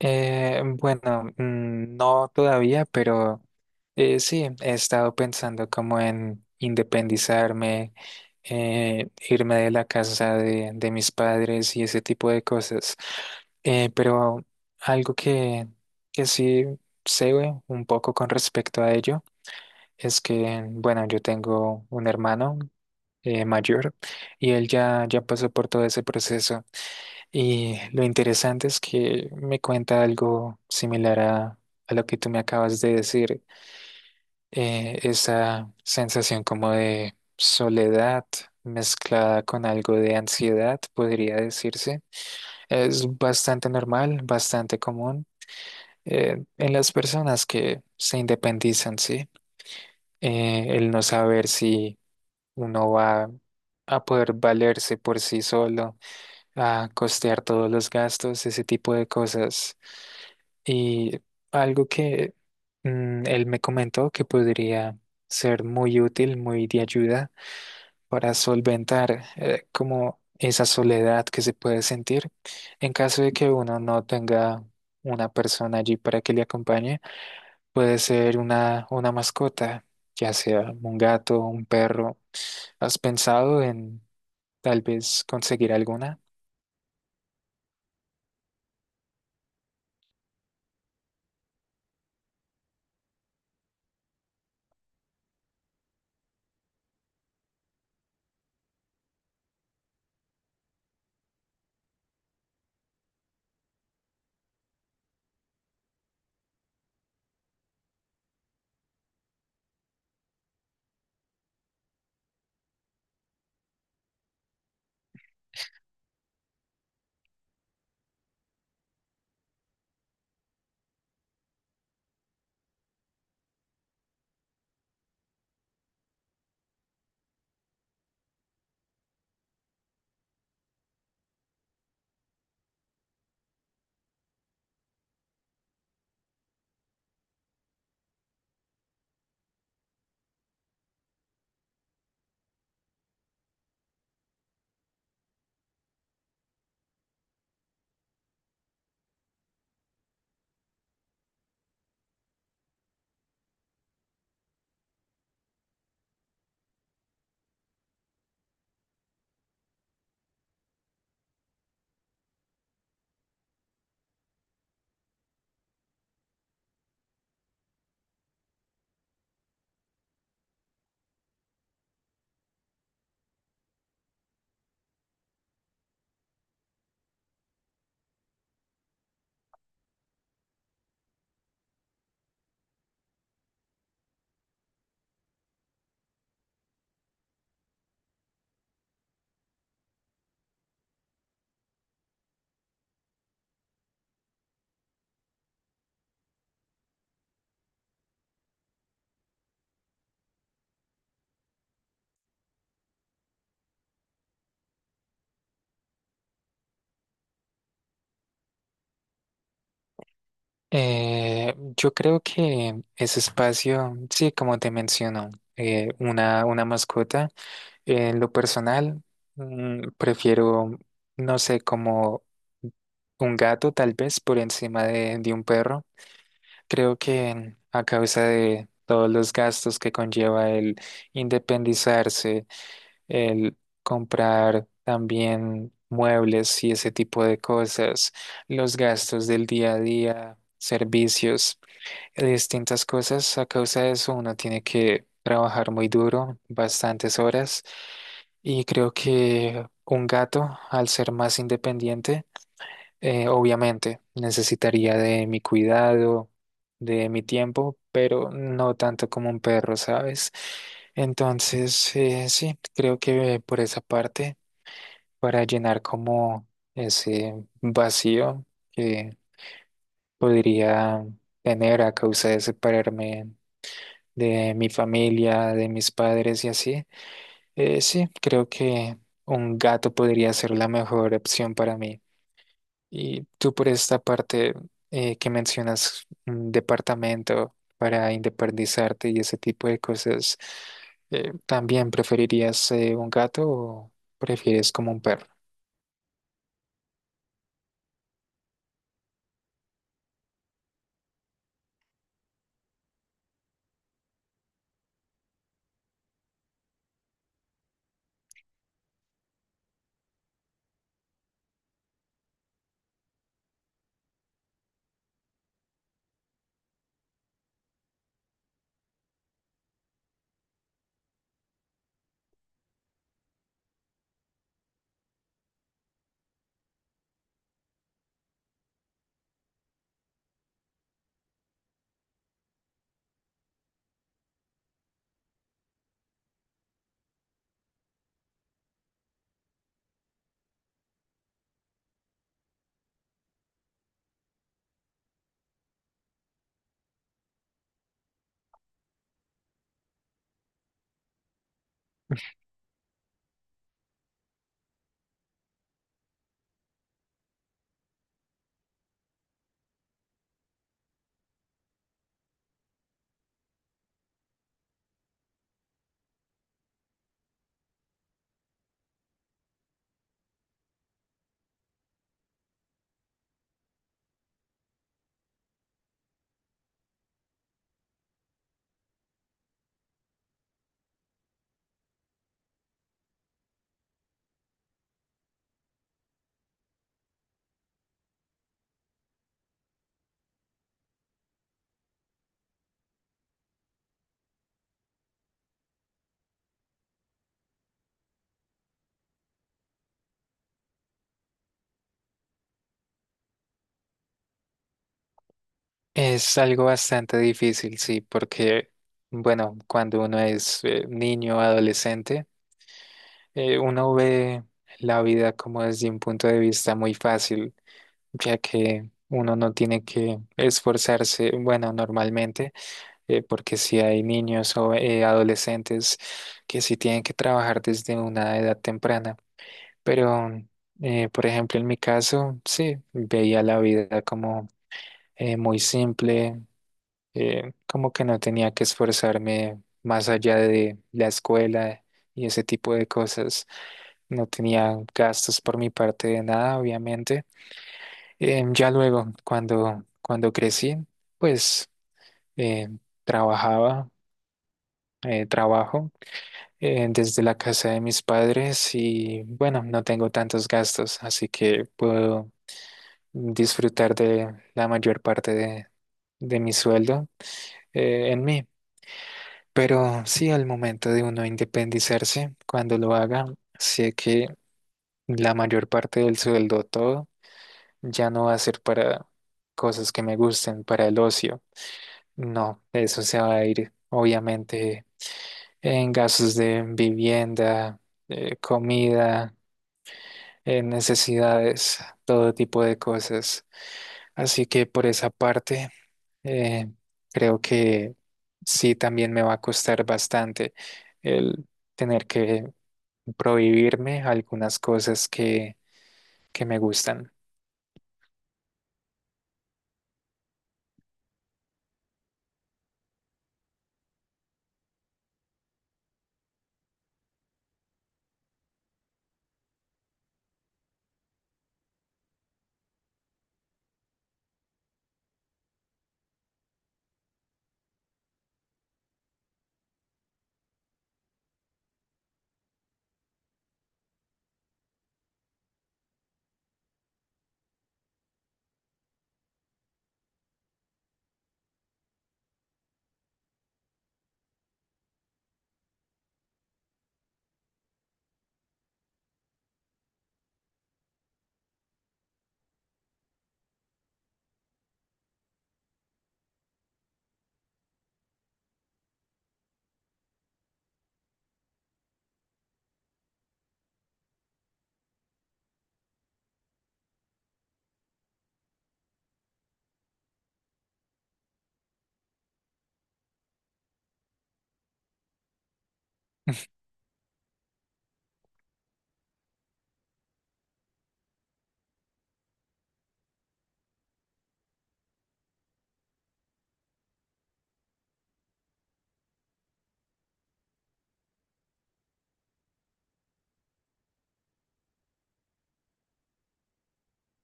Bueno, no todavía, pero sí, he estado pensando como en independizarme, irme de la casa de mis padres y ese tipo de cosas. Pero algo que sí sé un poco con respecto a ello es que, bueno, yo tengo un hermano mayor y él ya pasó por todo ese proceso. Y lo interesante es que me cuenta algo similar a lo que tú me acabas de decir, esa sensación como de soledad mezclada con algo de ansiedad, podría decirse. Es bastante normal, bastante común en las personas que se independizan, ¿sí? El no saber si uno va a poder valerse por sí solo, a costear todos los gastos, ese tipo de cosas. Y algo que él me comentó que podría ser muy útil, muy de ayuda para solventar como esa soledad que se puede sentir en caso de que uno no tenga una persona allí para que le acompañe, puede ser una mascota, ya sea un gato, un perro. ¿Has pensado en tal vez conseguir alguna? Yo creo que ese espacio, sí, como te menciono, una mascota, en lo personal, prefiero, no sé, como un gato tal vez por encima de un perro. Creo que a causa de todos los gastos que conlleva el independizarse, el comprar también muebles y ese tipo de cosas, los gastos del día a día, servicios de distintas cosas. A causa de eso, uno tiene que trabajar muy duro, bastantes horas. Y creo que un gato, al ser más independiente, obviamente necesitaría de mi cuidado, de mi tiempo, pero no tanto como un perro, ¿sabes? Entonces, sí, creo que por esa parte, para llenar como ese vacío que podría tener a causa de separarme de mi familia, de mis padres y así. Sí, creo que un gato podría ser la mejor opción para mí. Y tú por esta parte que mencionas un departamento para independizarte y ese tipo de cosas, ¿también preferirías un gato o prefieres como un perro? Es algo bastante difícil, sí, porque, bueno, cuando uno es niño, adolescente, uno ve la vida como desde un punto de vista muy fácil, ya que uno no tiene que esforzarse, bueno, normalmente, porque si hay niños o adolescentes que sí tienen que trabajar desde una edad temprana. Pero, por ejemplo, en mi caso, sí, veía la vida como muy simple, como que no tenía que esforzarme más allá de la escuela y ese tipo de cosas. No tenía gastos por mi parte de nada, obviamente. Ya luego, cuando crecí, pues eh, trabajaba, trabajo desde la casa de mis padres y bueno, no tengo tantos gastos, así que puedo disfrutar de la mayor parte de mi sueldo en mí. Pero sí, al momento de uno independizarse, cuando lo haga, sé que la mayor parte del sueldo, todo. Ya no va a ser para cosas que me gusten, para el ocio. No, eso se va a ir, obviamente, en gastos de vivienda, comida, en necesidades, todo tipo de cosas. Así que por esa parte, eh, creo que sí también me va a costar bastante el tener que prohibirme algunas cosas que me gustan.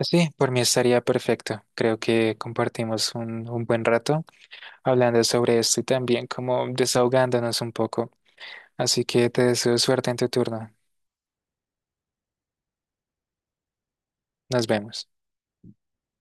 Sí, por mí estaría perfecto. Creo que compartimos un buen rato hablando sobre esto y también como desahogándonos un poco. Así que te deseo suerte en tu turno. Nos vemos.